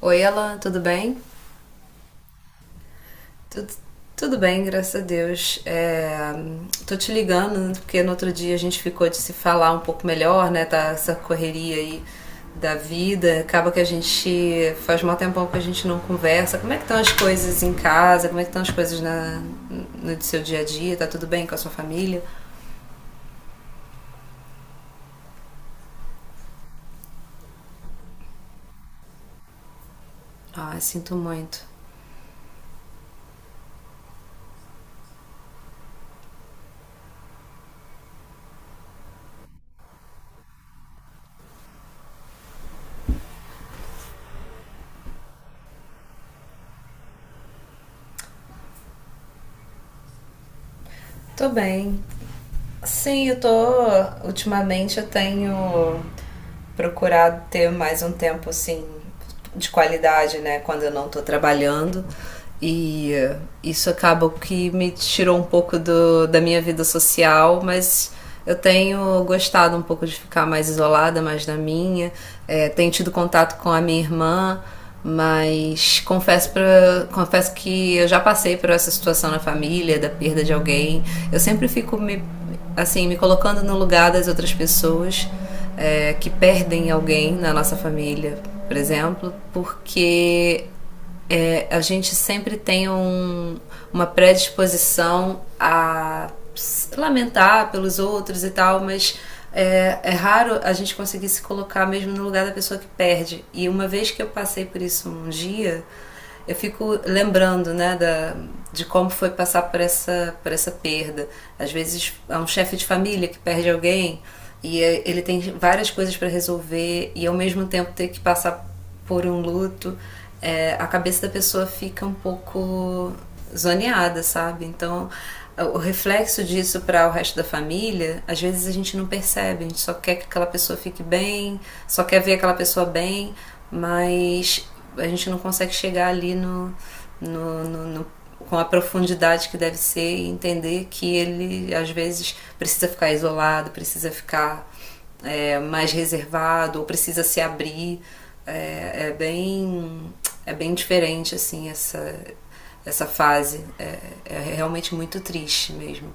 Oi, Ela, tudo bem? Tudo, tudo bem, graças a Deus. Tô te ligando, né, porque no outro dia a gente ficou de se falar um pouco melhor, né? Tá essa correria aí da vida. Acaba que a gente faz mal tempão que a gente não conversa. Como é que estão as coisas em casa? Como é que estão as coisas no seu dia a dia? Tá tudo bem com a sua família? Ah, sinto muito. Tô bem. Sim, eu tô. Ultimamente eu tenho procurado ter mais um tempo assim de qualidade, né? Quando eu não tô trabalhando. E eh, isso acaba que me tirou um pouco da minha vida social, mas eu tenho gostado um pouco de ficar mais isolada, mais na minha. É, tenho tido contato com a minha irmã, mas confesso que eu já passei por essa situação na família, da perda de alguém. Eu sempre fico me colocando no lugar das outras pessoas que perdem alguém na nossa família, por exemplo, porque a gente sempre tem uma predisposição a lamentar pelos outros e tal, mas é raro a gente conseguir se colocar mesmo no lugar da pessoa que perde. E uma vez que eu passei por isso um dia, eu fico lembrando, né, de como foi passar por por essa perda. Às vezes é um chefe de família que perde alguém e ele tem várias coisas para resolver e ao mesmo tempo ter que passar por um luto, a cabeça da pessoa fica um pouco zoneada, sabe? Então, o reflexo disso para o resto da família, às vezes a gente não percebe, a gente só quer que aquela pessoa fique bem, só quer ver aquela pessoa bem, mas a gente não consegue chegar ali no com a profundidade que deve ser e entender que ele às vezes precisa ficar isolado, precisa ficar mais reservado ou precisa se abrir. É, é, bem É bem diferente assim essa fase é realmente muito triste mesmo.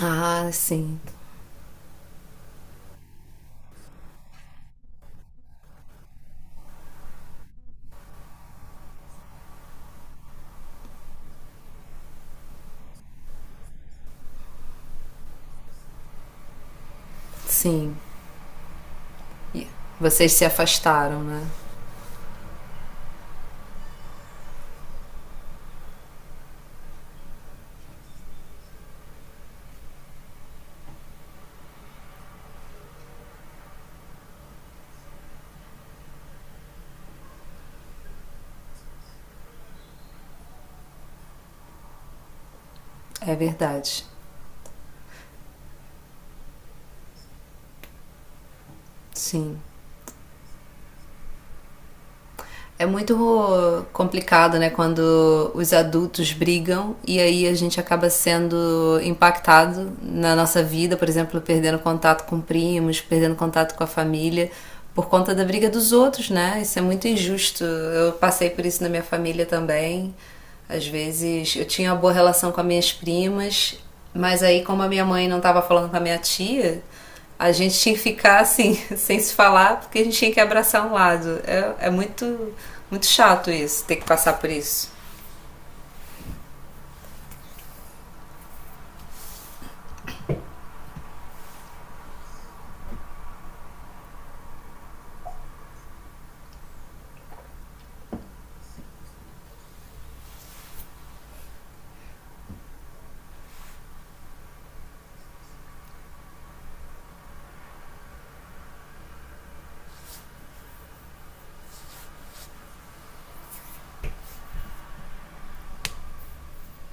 Ah, sim, sim. Vocês se afastaram, né? É verdade. Sim. É muito complicado, né, quando os adultos brigam e aí a gente acaba sendo impactado na nossa vida, por exemplo, perdendo contato com primos, perdendo contato com a família por conta da briga dos outros, né? Isso é muito injusto. Eu passei por isso na minha família também. Às vezes eu tinha uma boa relação com as minhas primas, mas aí, como a minha mãe não estava falando com a minha tia, a gente tinha que ficar assim, sem se falar, porque a gente tinha que abraçar um lado. É, é muito, muito chato isso, ter que passar por isso.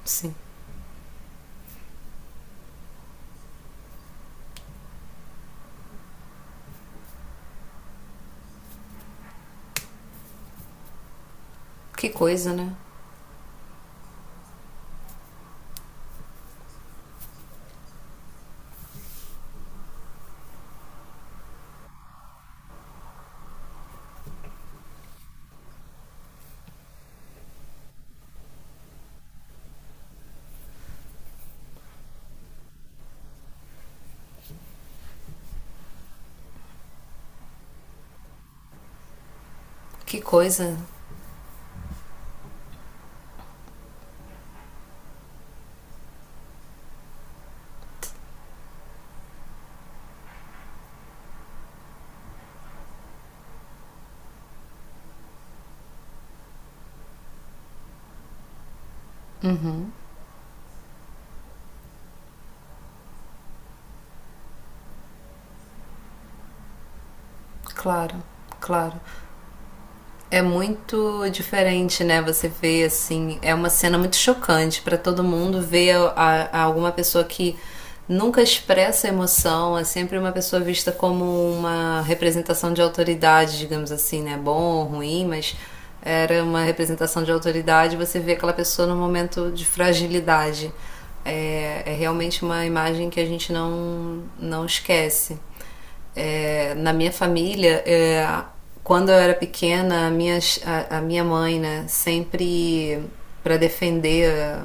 Sim. Que coisa, né? Que coisa. Claro, claro. É muito diferente, né? Você vê assim, é uma cena muito chocante para todo mundo ver a alguma pessoa que nunca expressa emoção, é sempre uma pessoa vista como uma representação de autoridade, digamos assim, né? Bom ou ruim, mas era uma representação de autoridade, você vê aquela pessoa num momento de fragilidade. É, é realmente uma imagem que a gente não, não esquece. Na minha família, quando eu era pequena, a minha mãe, né, sempre para defender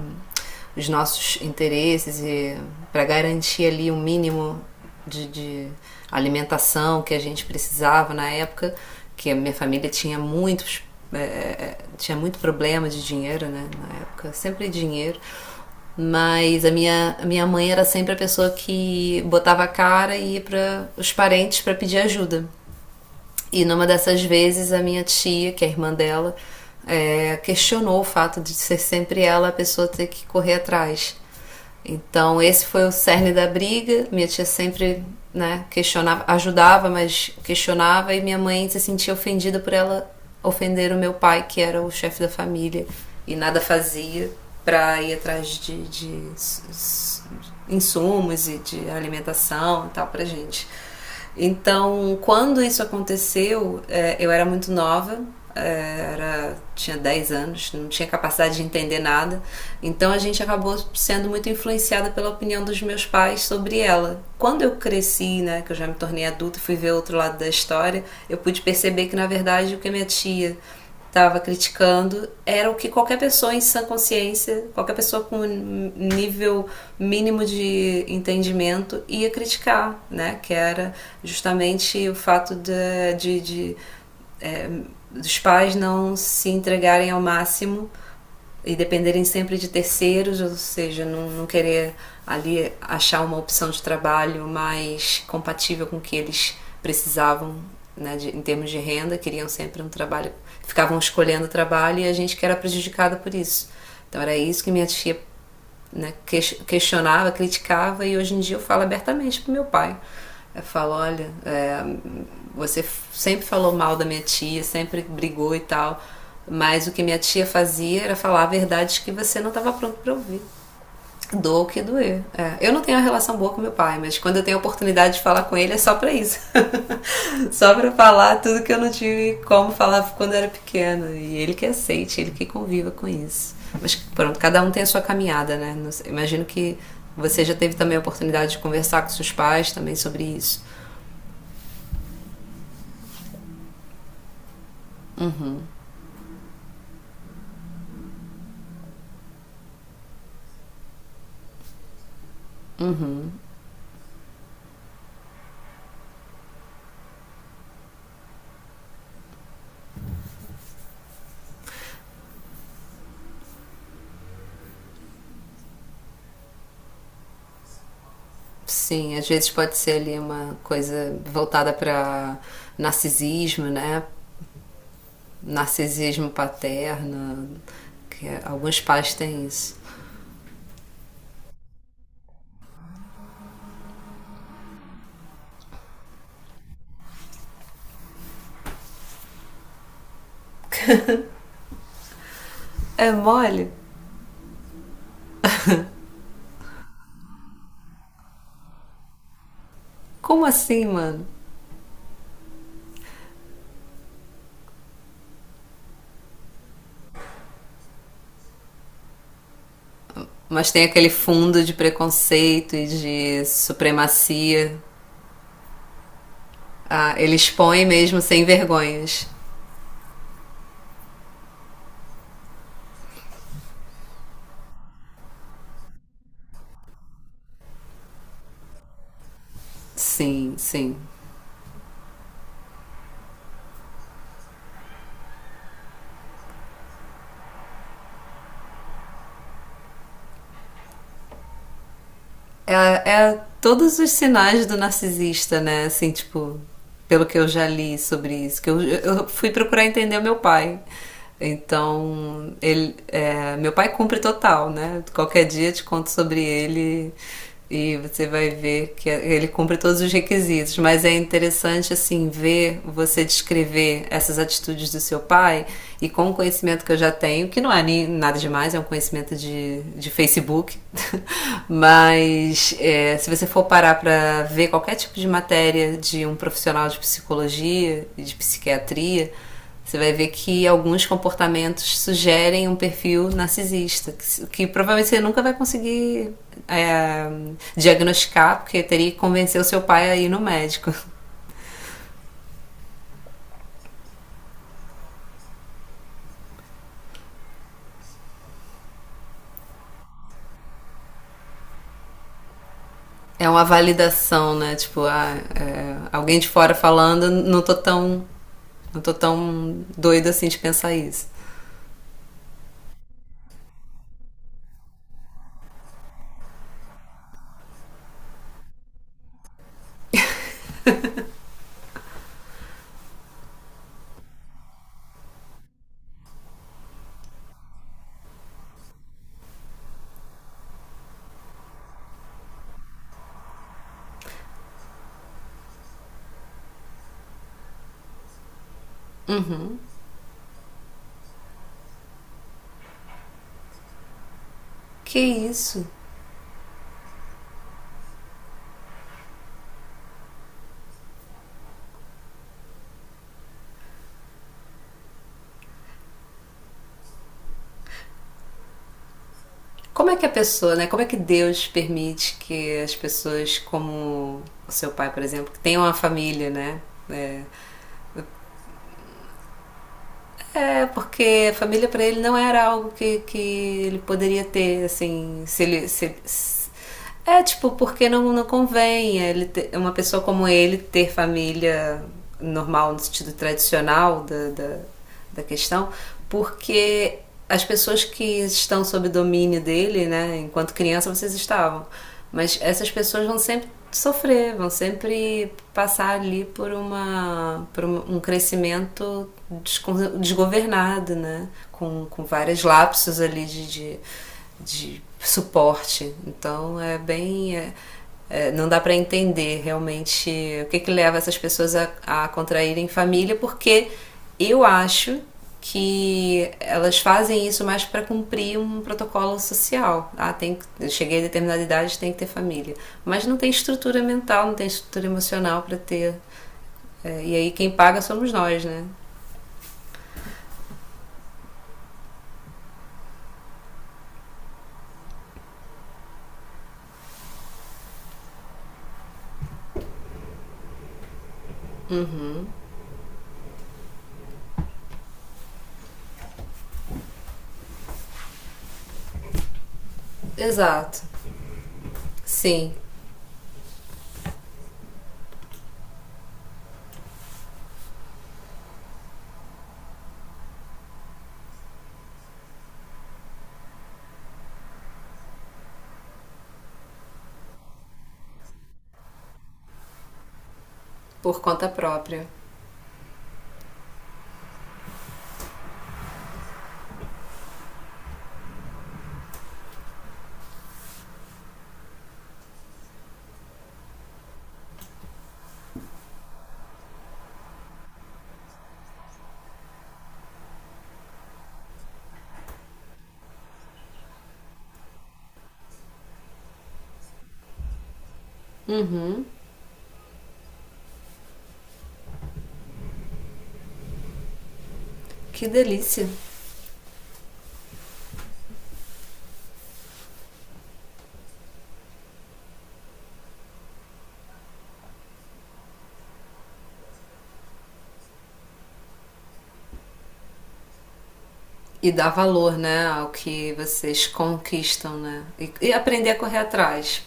os nossos interesses e para garantir ali o um mínimo de alimentação que a gente precisava na época, que a minha família tinha muitos tinha muito problema de dinheiro, né, na época, sempre dinheiro. Mas a minha mãe era sempre a pessoa que botava a cara e ia para os parentes para pedir ajuda. E numa dessas vezes, a minha tia, que é a irmã dela, questionou o fato de ser sempre ela a pessoa ter que correr atrás. Então, esse foi o cerne da briga. Minha tia sempre, né, questionava, ajudava, mas questionava, e minha mãe se sentia ofendida por ela ofender o meu pai, que era o chefe da família, e nada fazia para ir atrás de insumos e de alimentação e tal pra gente. Então, quando isso aconteceu, eu era muito nova, tinha 10 anos, não tinha capacidade de entender nada. Então a gente acabou sendo muito influenciada pela opinião dos meus pais sobre ela. Quando eu cresci, né, que eu já me tornei adulta, fui ver outro lado da história, eu pude perceber que na verdade o que a minha tia estava criticando era o que qualquer pessoa em sã consciência, qualquer pessoa com um nível mínimo de entendimento ia criticar, né? Que era justamente o fato de dos pais não se entregarem ao máximo e dependerem sempre de terceiros, ou seja, não, não querer ali achar uma opção de trabalho mais compatível com o que eles precisavam, né, de, em termos de renda, queriam sempre um trabalho, ficavam escolhendo o trabalho e a gente que era prejudicada por isso. Então era isso que minha tia, né, questionava, criticava, e hoje em dia eu falo abertamente pro meu pai. Eu falo, olha, você sempre falou mal da minha tia, sempre brigou e tal, mas o que minha tia fazia era falar verdades que você não estava pronto para ouvir. Doa o que doer. É. Eu não tenho uma relação boa com meu pai, mas quando eu tenho a oportunidade de falar com ele é só pra isso. Só pra falar tudo que eu não tive como falar quando eu era pequena. E ele que aceite, ele que conviva com isso. Mas pronto, cada um tem a sua caminhada, né? Imagino que você já teve também a oportunidade de conversar com seus pais também sobre isso. Sim, às vezes pode ser ali uma coisa voltada para narcisismo, né? Narcisismo paterno, que alguns pais têm isso. É mole? Como assim, mano? Mas tem aquele fundo de preconceito e de supremacia. Ah, ele expõe mesmo sem vergonhas. Sim, sim. É, é todos os sinais do narcisista, né? Assim, tipo, pelo que eu já li sobre isso, que eu fui procurar entender o meu pai. Então, meu pai cumpre total, né? Qualquer dia eu te conto sobre ele e você vai ver que ele cumpre todos os requisitos. Mas é interessante, assim, ver você descrever essas atitudes do seu pai e com o conhecimento que eu já tenho, que não é nem nada demais, é um conhecimento de Facebook. Mas é, se você for parar para ver qualquer tipo de matéria de um profissional de psicologia e de psiquiatria, você vai ver que alguns comportamentos sugerem um perfil narcisista, que provavelmente você nunca vai conseguir é, diagnosticar, porque teria que convencer o seu pai a ir no médico. É uma validação, né? Tipo, ah, é, alguém de fora falando, não tô tão. Não tô tão doida assim de pensar isso. Que isso? Como é que a pessoa, né? Como é que Deus permite que as pessoas como o seu pai, por exemplo, que tenham uma família, né? É, É, porque família para ele não era algo que ele poderia ter, assim, se ele. É, tipo, porque não convém ele ter- uma pessoa como ele ter família normal, no sentido tradicional da questão, porque as pessoas que estão sob domínio dele, né, enquanto criança vocês estavam. Mas essas pessoas vão sempre sofrer, vão sempre passar ali por um crescimento desgovernado, né? Com vários lapsos ali de suporte. Então é bem. É, é, não dá para entender realmente que leva essas pessoas a contraírem família, porque eu acho que elas fazem isso mais para cumprir um protocolo social. Ah, tem, cheguei a determinada idade, tem que ter família. Mas não tem estrutura mental, não tem estrutura emocional para ter. É, e aí quem paga somos nós, né? Exato. Sim, por conta própria. Que delícia. E dar valor, né, ao que vocês conquistam, né? E aprender a correr atrás.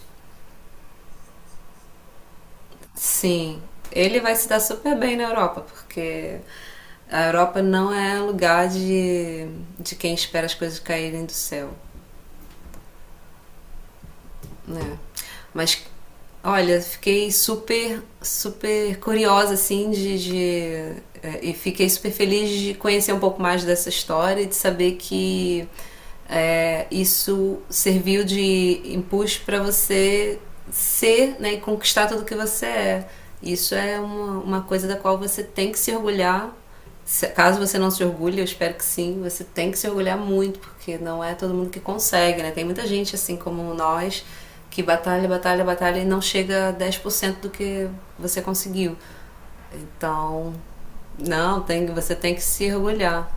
Sim, ele vai se dar super bem na Europa, porque a Europa não é lugar de quem espera as coisas caírem do céu. Né? Mas olha, fiquei super, super curiosa assim e fiquei super feliz de conhecer um pouco mais dessa história e de saber que eh, isso serviu de impulso para você ser, né, e conquistar tudo que você é. Isso é uma coisa da qual você tem que se orgulhar. Caso você não se orgulhe, eu espero que sim, você tem que se orgulhar muito, porque não é todo mundo que consegue, né? Tem muita gente assim como nós que batalha, batalha, batalha e não chega a 10% do que você conseguiu. Então, não, tem, você tem que se orgulhar.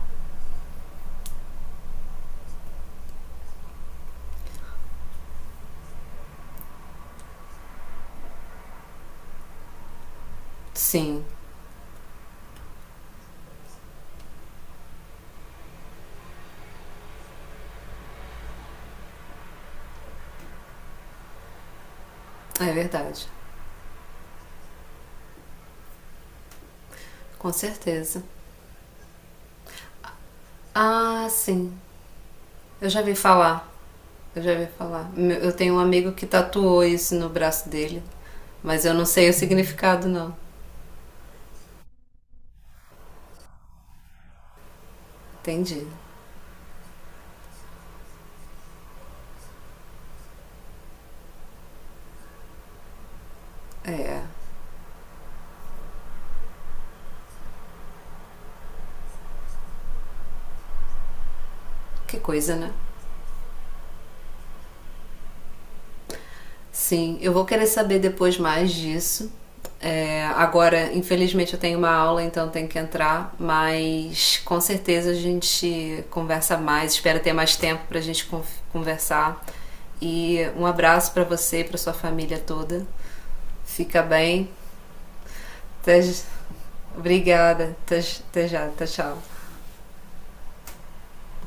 Sim, é verdade. Com certeza. Ah, sim. Eu já vi falar. Eu já vi falar. Eu tenho um amigo que tatuou isso no braço dele, mas eu não sei o significado, não. Entendi. É. Que coisa, né? Sim, eu vou querer saber depois mais disso. É, agora, infelizmente, eu tenho uma aula, então tenho que entrar, mas com certeza a gente conversa mais. Espero ter mais tempo para a gente conversar. E um abraço para você e para sua família toda. Fica bem. Até- Obrigada. Até, já. Tchau.